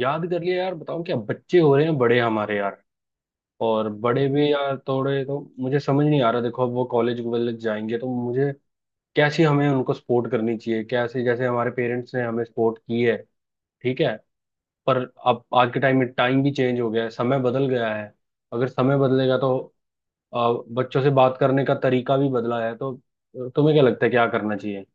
याद कर लिया यार। बताओ, क्या बच्चे हो रहे हैं बड़े हमारे यार। और बड़े भी यार थोड़े, तो मुझे समझ नहीं आ रहा। देखो, अब वो कॉलेज वॉलेज जाएंगे तो मुझे कैसी हमें उनको सपोर्ट करनी चाहिए, कैसे जैसे हमारे पेरेंट्स ने हमें सपोर्ट की है। ठीक है, पर अब आज के टाइम में टाइम भी चेंज हो गया है, समय बदल गया है। अगर समय बदलेगा तो अ, बच्चों से बात करने का तरीका भी बदला है, तो तुम्हें क्या लगता है क्या करना चाहिए।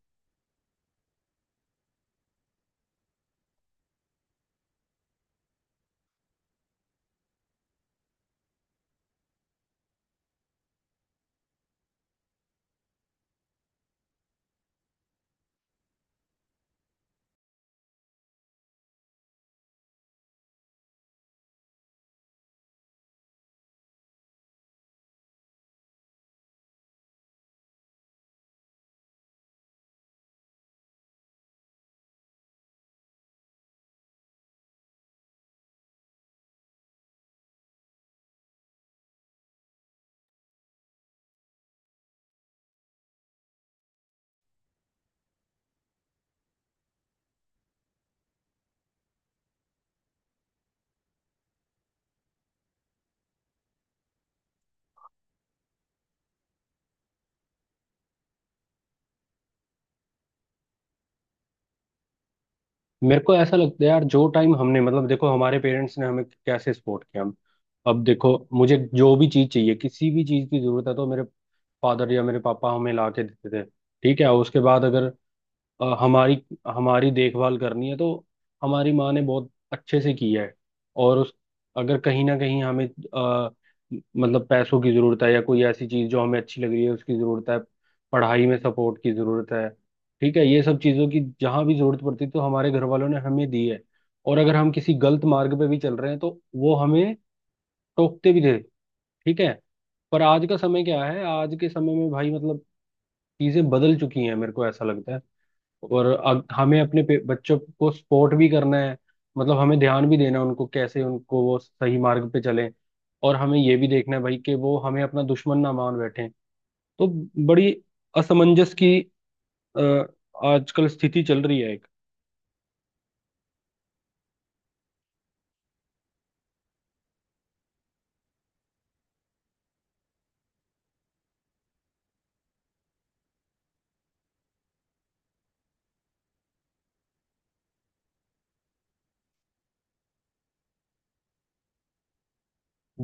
मेरे को ऐसा लगता है यार, जो टाइम हमने मतलब देखो हमारे पेरेंट्स ने हमें कैसे सपोर्ट किया हम। अब देखो, मुझे जो भी चीज चाहिए, किसी भी चीज की जरूरत है तो मेरे फादर या मेरे पापा हमें ला के देते थे। ठीक है, उसके बाद अगर हमारी हमारी देखभाल करनी है तो हमारी माँ ने बहुत अच्छे से किया है। और उस अगर कहीं ना कहीं हमें अ, मतलब पैसों की जरूरत है या कोई ऐसी चीज जो हमें अच्छी लग रही है उसकी जरूरत है, पढ़ाई में सपोर्ट की जरूरत है। ठीक है, ये सब चीजों की जहां भी जरूरत पड़ती है तो हमारे घर वालों ने हमें दी है। और अगर हम किसी गलत मार्ग पे भी चल रहे हैं तो वो हमें टोकते भी थे। ठीक है, पर आज का समय क्या है, आज के समय में भाई मतलब चीजें बदल चुकी हैं, मेरे को ऐसा लगता है। और हमें बच्चों को सपोर्ट भी करना है, मतलब हमें ध्यान भी देना है उनको, कैसे उनको वो सही मार्ग पे चलें। और हमें ये भी देखना है भाई कि वो हमें अपना दुश्मन ना मान बैठे। तो बड़ी असमंजस की अ, आजकल स्थिति चल रही है एक।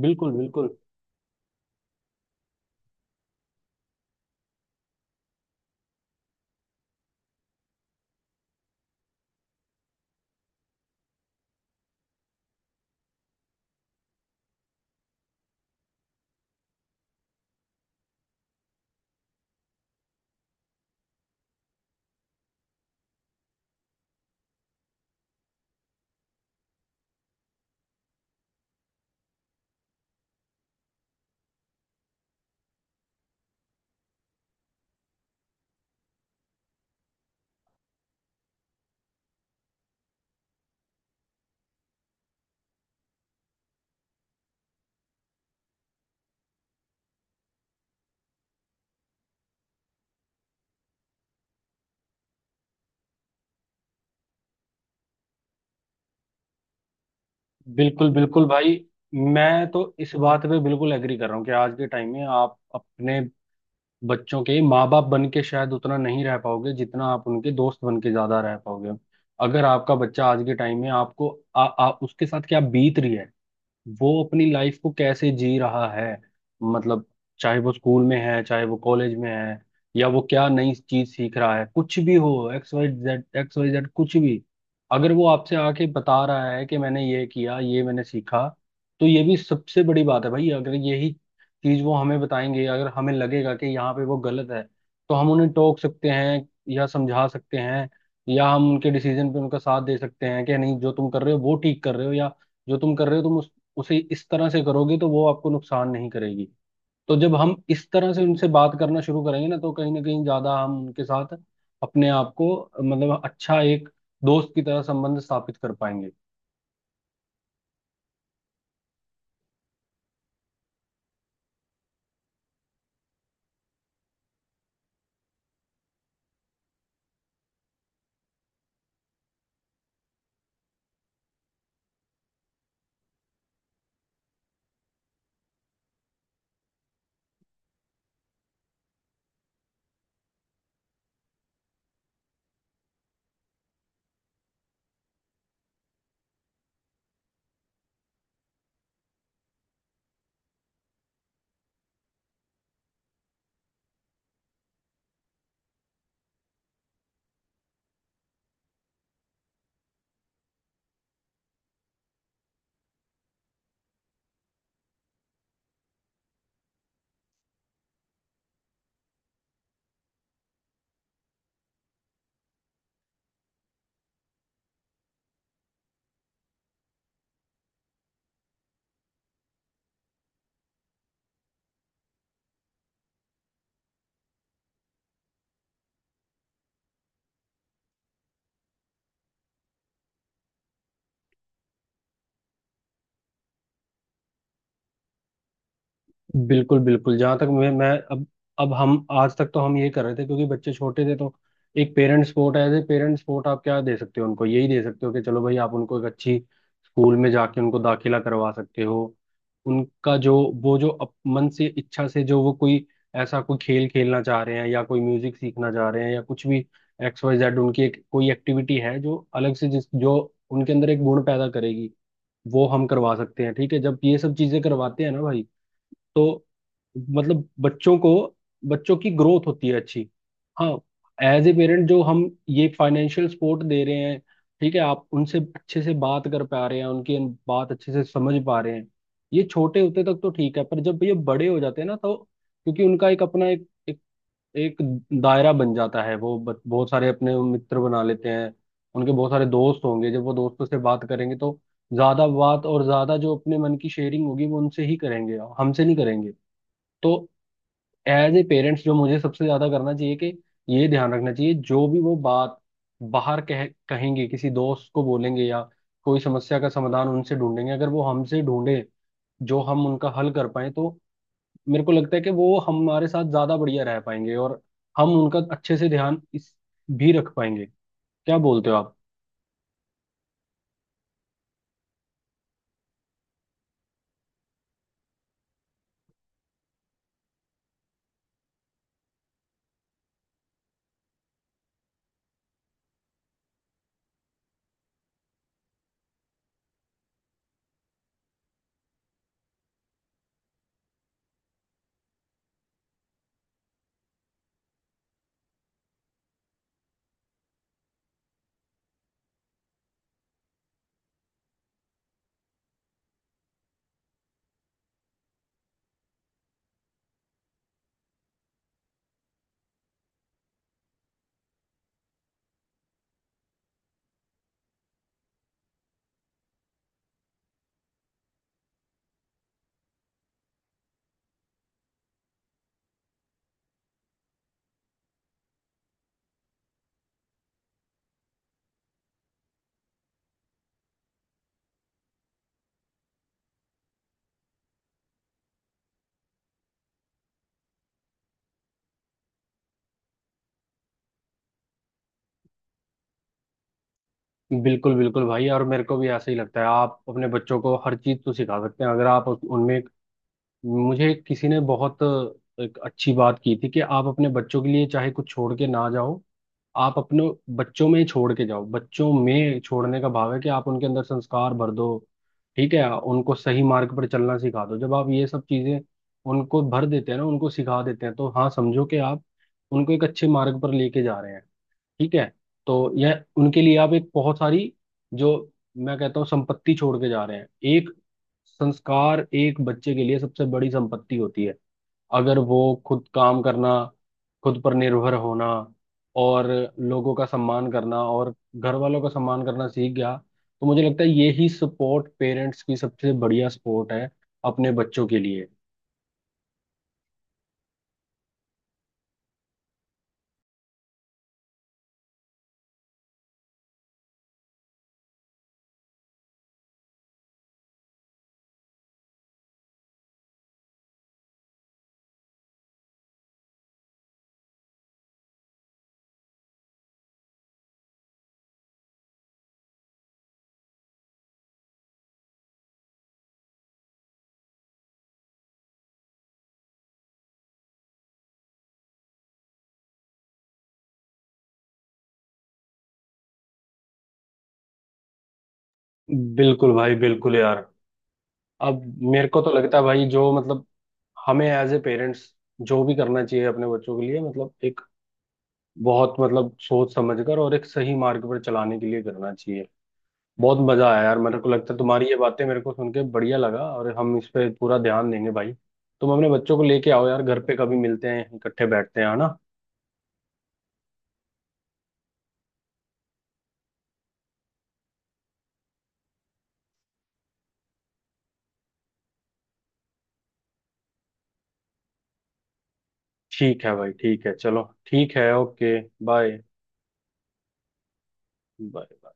बिल्कुल बिल्कुल। बिल्कुल बिल्कुल भाई, मैं तो इस बात पे बिल्कुल एग्री कर रहा हूँ कि आज के टाइम में आप अपने बच्चों के माँ बाप बन के शायद उतना नहीं रह पाओगे जितना आप उनके दोस्त बन के ज्यादा रह पाओगे। अगर आपका बच्चा आज के टाइम में आपको आ, आ, उसके साथ क्या बीत रही है, वो अपनी लाइफ को कैसे जी रहा है, मतलब चाहे वो स्कूल में है, चाहे वो कॉलेज में है, या वो क्या नई चीज सीख रहा है, कुछ भी हो, एक्स वाई जेड कुछ भी, अगर वो आपसे आके बता रहा है कि मैंने ये किया, ये मैंने सीखा, तो ये भी सबसे बड़ी बात है भाई। अगर यही चीज वो हमें बताएंगे, अगर हमें लगेगा कि यहाँ पे वो गलत है तो हम उन्हें टोक सकते हैं या समझा सकते हैं, या हम उनके डिसीजन पे उनका साथ दे सकते हैं कि नहीं जो तुम कर रहे हो वो ठीक कर रहे हो, या जो तुम कर रहे हो तुम उसे इस तरह से करोगे तो वो आपको नुकसान नहीं करेगी। तो जब हम इस तरह से उनसे बात करना शुरू करेंगे ना तो कहीं ना कहीं ज्यादा हम उनके साथ अपने आप को मतलब अच्छा एक दोस्त की तरह संबंध स्थापित कर पाएंगे। बिल्कुल बिल्कुल। जहां तक मैं अब हम आज तक तो हम ये कर रहे थे क्योंकि बच्चे छोटे थे। तो एक parent support as, a A support सपोर्ट आप क्या दे सकते हो उनको, यही दे सकते हो कि चलो भाई आप उनको एक अच्छी स्कूल में जाके उनको दाखिला करवा सकते हो। उनका जो वो जो मन से इच्छा से, जो वो कोई ऐसा कोई खेल खेलना चाह रहे हैं, या कोई म्यूजिक सीखना चाह रहे हैं, या कुछ भी एक्स वाई जेड उनकी एक कोई एक्टिविटी है जो अलग से जिस जो उनके अंदर एक गुण पैदा करेगी, वो हम करवा सकते हैं। ठीक है, जब ये सब चीजें करवाते हैं ना भाई तो मतलब बच्चों को, बच्चों की ग्रोथ होती है अच्छी। हाँ, एज ए पेरेंट जो हम ये फाइनेंशियल सपोर्ट दे रहे हैं। ठीक है, आप उनसे अच्छे से बात कर पा रहे हैं, उनकी बात अच्छे से समझ पा रहे हैं। ये छोटे होते तक तो ठीक है, पर जब ये बड़े हो जाते हैं ना तो, क्योंकि उनका एक अपना एक एक दायरा बन जाता है, वो बहुत सारे अपने मित्र बना लेते हैं। उनके बहुत सारे दोस्त होंगे, जब वो दोस्तों से बात करेंगे तो ज्यादा बात और ज्यादा जो अपने मन की शेयरिंग होगी वो उनसे ही करेंगे, हमसे नहीं करेंगे। तो एज ए पेरेंट्स जो मुझे सबसे ज्यादा करना चाहिए कि ये ध्यान रखना चाहिए, जो भी वो बात बाहर कह कहेंगे किसी दोस्त को बोलेंगे या कोई समस्या का समाधान उनसे ढूंढेंगे, अगर वो हमसे ढूंढे, जो हम उनका हल कर पाए, तो मेरे को लगता है कि वो हमारे साथ ज्यादा बढ़िया रह पाएंगे और हम उनका अच्छे से ध्यान इस भी रख पाएंगे। क्या बोलते हो आप। बिल्कुल बिल्कुल भाई, और मेरे को भी ऐसा ही लगता है, आप अपने बच्चों को हर चीज तो सिखा सकते हैं अगर आप उनमें, मुझे किसी ने बहुत एक अच्छी बात की थी कि आप अपने बच्चों के लिए चाहे कुछ छोड़ के ना जाओ, आप अपने बच्चों में ही छोड़ के जाओ। बच्चों में छोड़ने का भाव है कि आप उनके अंदर संस्कार भर दो। ठीक है, उनको सही मार्ग पर चलना सिखा दो। जब आप ये सब चीजें उनको भर देते हैं ना, उनको सिखा देते हैं, तो हाँ समझो कि आप उनको एक अच्छे मार्ग पर लेके जा रहे हैं। ठीक है, तो यह उनके लिए आप एक बहुत सारी जो मैं कहता हूँ संपत्ति छोड़ के जा रहे हैं। एक संस्कार एक बच्चे के लिए सबसे बड़ी संपत्ति होती है। अगर वो खुद काम करना, खुद पर निर्भर होना, और लोगों का सम्मान करना और घर वालों का सम्मान करना सीख गया, तो मुझे लगता है यही सपोर्ट पेरेंट्स की सबसे बढ़िया सपोर्ट है अपने बच्चों के लिए। बिल्कुल भाई, बिल्कुल यार। अब मेरे को तो लगता है भाई जो मतलब हमें एज ए पेरेंट्स जो भी करना चाहिए अपने बच्चों के लिए, मतलब एक बहुत मतलब सोच समझकर और एक सही मार्ग पर चलाने के लिए करना चाहिए। बहुत मजा आया यार, मेरे को लगता है तुम्हारी ये बातें मेरे को सुन के बढ़िया लगा, और हम इस पे पूरा ध्यान देंगे भाई। तुम अपने बच्चों को लेके आओ यार, घर पे कभी मिलते हैं, इकट्ठे बैठते हैं, है ना। ठीक है भाई, ठीक है, चलो, ठीक है, ओके, बाय। बाय।